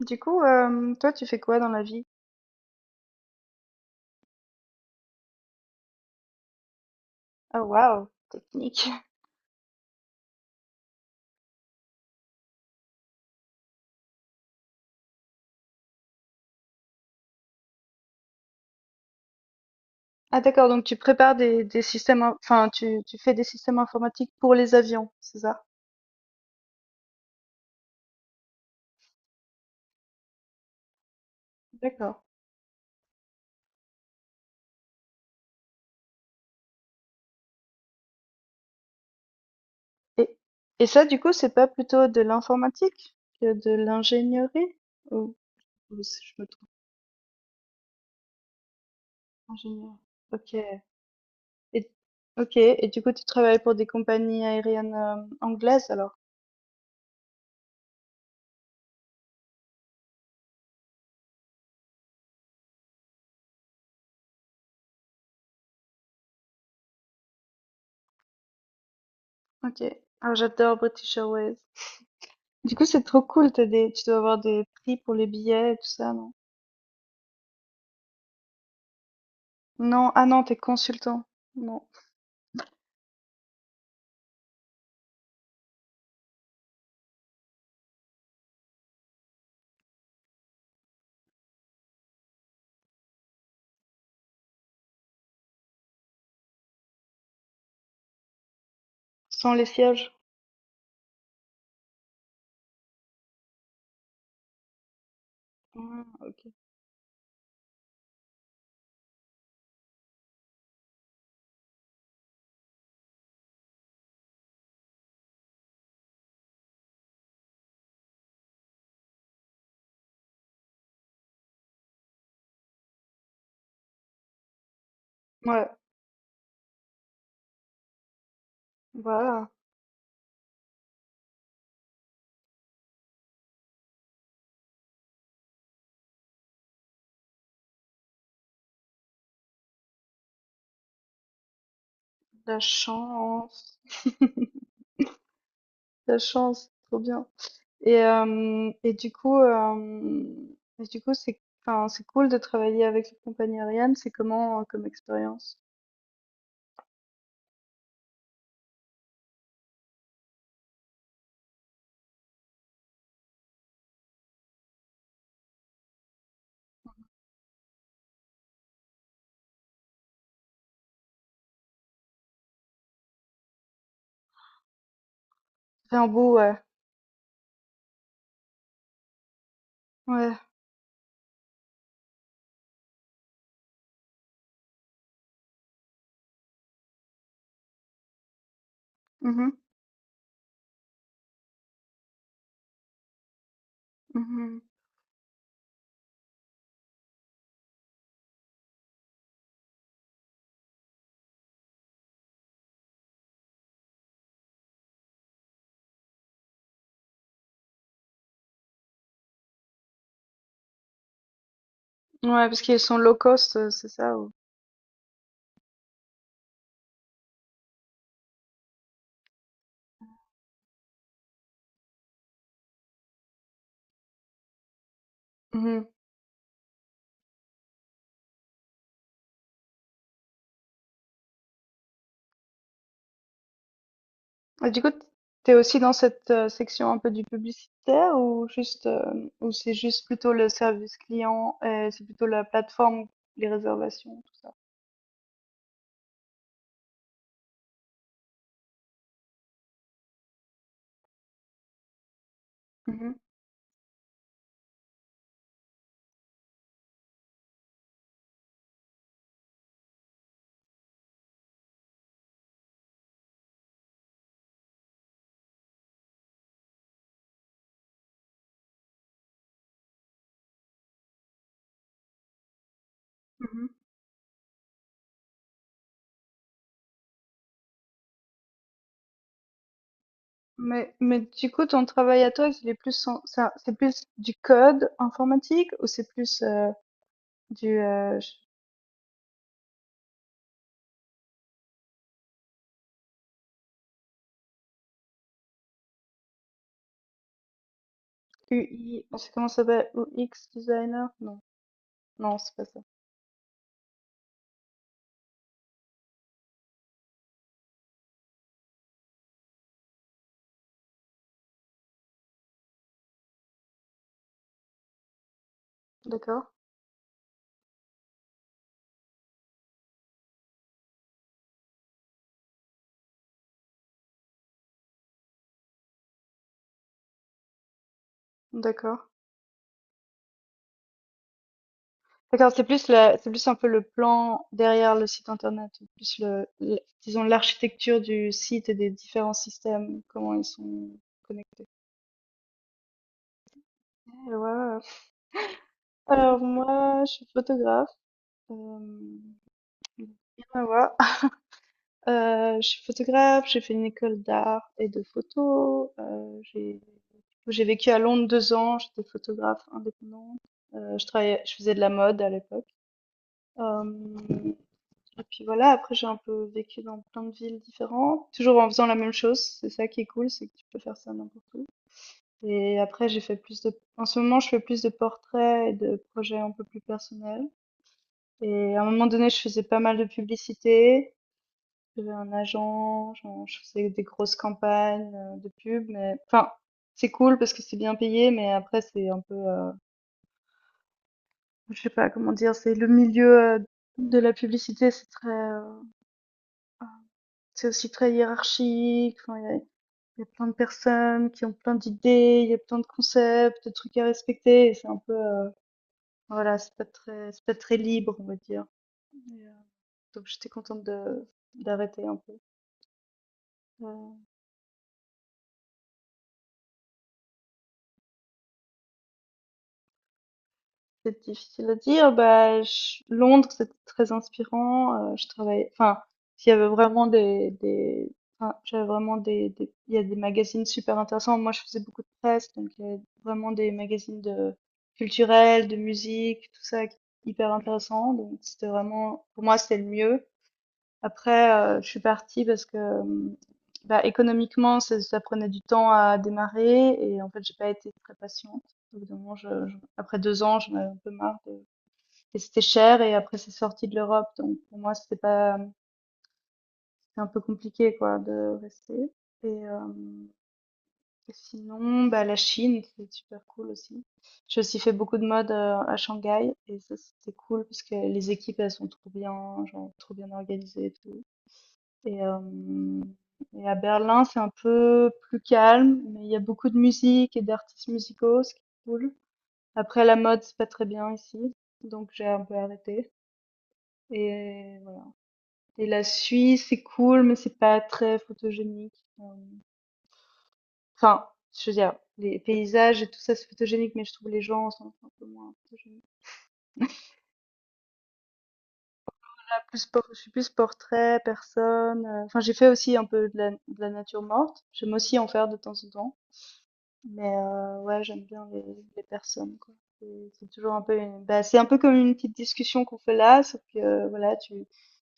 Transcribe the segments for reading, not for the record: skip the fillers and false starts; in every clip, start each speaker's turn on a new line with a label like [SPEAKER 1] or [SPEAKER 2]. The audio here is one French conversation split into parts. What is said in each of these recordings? [SPEAKER 1] Du coup, toi, tu fais quoi dans la vie? Oh waouh, technique. Ah d'accord, donc tu prépares des systèmes in enfin tu fais des systèmes informatiques pour les avions, c'est ça? D'accord. Et et ça, du coup, c'est pas plutôt de l'informatique que de l'ingénierie? Ou Ou si je me trompe, ingénieur. OK et OK et du coup, tu travailles pour des compagnies aériennes, anglaises alors? OK. Ah, j'adore British Airways. Du coup, c'est trop cool, tu dois avoir des prix pour les billets et tout ça, non? Non, ah non, t'es consultant. Non, sans les sièges. Ah, ok. Ouais, voilà, la chance, la chance, trop bien. Et, euh, et du coup, euh, et du coup, c'est, enfin, C'est cool de travailler avec les compagnies aériennes. C'est comment comme expérience? C'est un beau, ouais, ouais, mhm, mhm. Ouais, parce qu'ils sont low cost, c'est ça. ou- Et du coup, t'es aussi dans cette section un peu du publicitaire ou juste ou c'est juste plutôt le service client et c'est plutôt la plateforme, les réservations, tout ça. Mhm, mhm. Mais du coup, ton travail à toi, il est plus en- ça- c'est plus du code informatique ou c'est plus du euh, je- UI, c'est comment ça s'appelle? UX designer? Non, non, c'est pas ça. D'accord, d'accord. D'accord, c'est plus un peu le plan derrière le site internet, ou plus disons l'architecture du site et des différents systèmes, comment ils sont. Eh, ouais, ouais, ouais. Alors moi, je suis photographe. Euh, Rien à voir. Je suis photographe. J'ai fait une école d'art et de photo. J'ai vécu à Londres deux ans. J'étais photographe indépendante. Je travaillais, je faisais de la mode à l'époque. Euh, Et puis voilà, après j'ai un peu vécu dans plein de villes différentes, toujours en faisant la même chose. C'est ça qui est cool, c'est que tu peux faire ça n'importe où. Et après j'ai fait plus de... En ce moment, je fais plus de portraits et de projets un peu plus personnels. Et à un moment donné, je faisais pas mal de publicité. J'avais un agent, genre, je faisais des grosses campagnes de pub, mais enfin, c'est cool parce que c'est bien payé, mais après c'est un peu, je sais pas comment dire, c'est le milieu de la publicité, c'est très euh, C'est aussi très hiérarchique. Enfin, il y a plein de personnes qui ont plein d'idées, il y a plein de concepts, de trucs à respecter. Et c'est un peu, voilà, c'est pas très libre, on va dire. Et, euh, donc j'étais contente de d'arrêter un peu. Euh, C'est difficile à dire. Bah, ch Londres, c'était très inspirant. Je travaillais, enfin, il y avait vraiment des enfin, j'avais vraiment des il y a des magazines super intéressants. Moi, je faisais beaucoup de presse, donc il y avait vraiment des magazines de culturels, de musique, tout ça, qui hyper intéressant. Donc c'était vraiment pour moi, c'était le mieux. Après, je suis partie parce que bah, économiquement, ça prenait du temps à démarrer et en fait, j'ai pas été très patiente. Au bout d'un moment, après deux ans, j'en avais un peu marre et c'était cher et après, c'est sorti de l'Europe, donc pour moi, c'était pas, c'était un peu compliqué quoi de rester. Et, euh, et sinon, bah, la Chine, c'est super cool aussi. J'ai aussi fait beaucoup de mode à Shanghai et ça, c'était cool parce que les équipes, elles sont trop bien, genre trop bien organisées et tout. Et, euh, et à Berlin, c'est un peu plus calme, mais il y a beaucoup de musique et d'artistes musicaux, ce qui est cool. Après, la mode, c'est pas très bien ici, donc j'ai un peu arrêté. Et voilà. Et la Suisse, c'est cool, mais c'est pas très photogénique. Euh, Enfin, je veux dire, les paysages et tout ça, c'est photogénique, mais je trouve les gens sont un peu moins photogéniques. Ah, plus, je suis plus portrait, personne. Enfin, j'ai fait aussi un peu de la nature morte. J'aime aussi en faire de temps en temps. Mais ouais, j'aime bien les personnes, quoi. C'est toujours un peu une... bah, c'est un peu comme une petite discussion qu'on fait là, sauf que voilà, tu,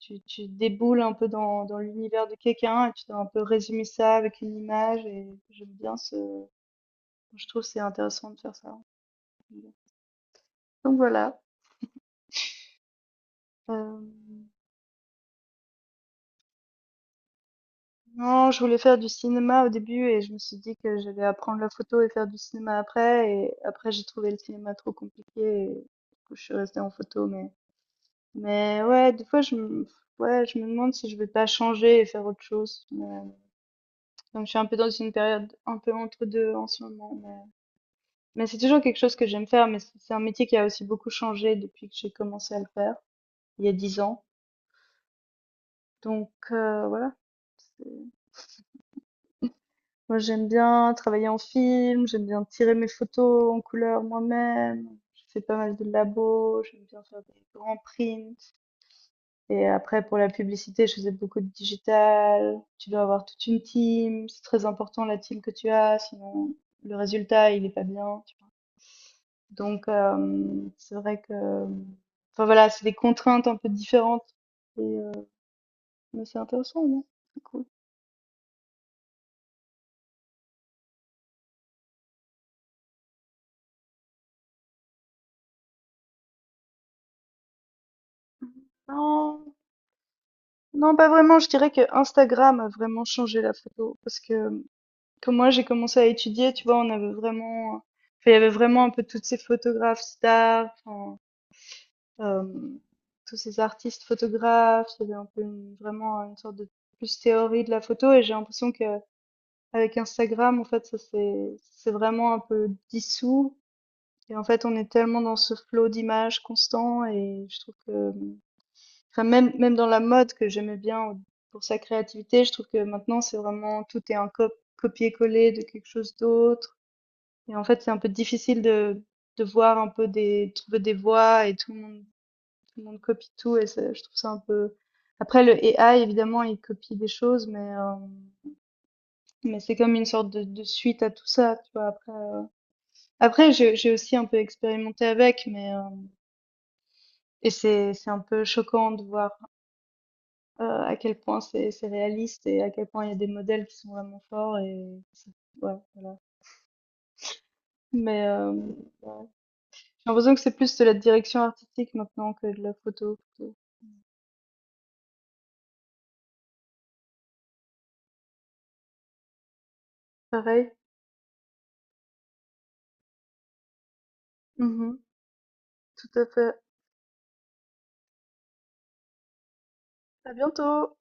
[SPEAKER 1] tu, tu déboules un peu dans l'univers de quelqu'un et tu dois un peu résumer ça avec une image et j'aime bien ce... Je trouve que c'est intéressant de faire ça. Donc voilà. Euh, non, je voulais faire du cinéma au début et je me suis dit que j'allais apprendre la photo et faire du cinéma après. Et après, j'ai trouvé le cinéma trop compliqué et du coup, je suis restée en photo. Mais ouais, des fois, ouais, je me demande si je vais pas changer et faire autre chose. Donc, je suis un peu dans une période un peu entre deux en ce moment. Mais c'est toujours quelque chose que j'aime faire. Mais c'est un métier qui a aussi beaucoup changé depuis que j'ai commencé à le faire, il y a dix ans. Donc, voilà. c'est- Moi, j'aime bien travailler en film. J'aime bien tirer mes photos en couleur moi-même. Je fais pas mal de labos. J'aime bien faire des grands prints. Et après, pour la publicité, je faisais beaucoup de digital. Tu dois avoir toute une team. C'est très important la team que tu as, sinon le résultat, il n'est pas bien, tu vois. Donc, c'est vrai que... Enfin voilà, c'est des contraintes un peu différentes. Et, euh, mais c'est intéressant, non? C'est cool. Non, non, pas vraiment. Je dirais que Instagram a vraiment changé la photo. Parce que quand moi, j'ai commencé à étudier, tu vois, on avait vraiment... enfin, il y avait vraiment un peu toutes ces photographes stars, enfin, euh, tous ces artistes photographes, il y avait un peu vraiment une sorte de plus théorie de la photo et j'ai l'impression que avec Instagram en fait ça c'est vraiment un peu dissous et en fait on est tellement dans ce flot d'images constant et je trouve que enfin, même dans la mode que j'aimais bien pour sa créativité, je trouve que maintenant c'est vraiment tout est un copier-coller de quelque chose d'autre et en fait c'est un peu difficile de voir un peu des trouver des voies et tout le monde copie tout et je trouve ça un peu. Après, le AI, évidemment, il copie des choses, mais c'est comme une sorte de suite à tout ça, tu vois. Après, après j'ai aussi un peu expérimenté avec, mais c'est un peu choquant de voir à quel point c'est réaliste et à quel point il y a des modèles qui sont vraiment forts et ouais, voilà. Mais ouais. J'ai l'impression que c'est plus de la direction artistique maintenant que de la photo, plutôt. Pareil. Mhm, tout à fait. À bientôt!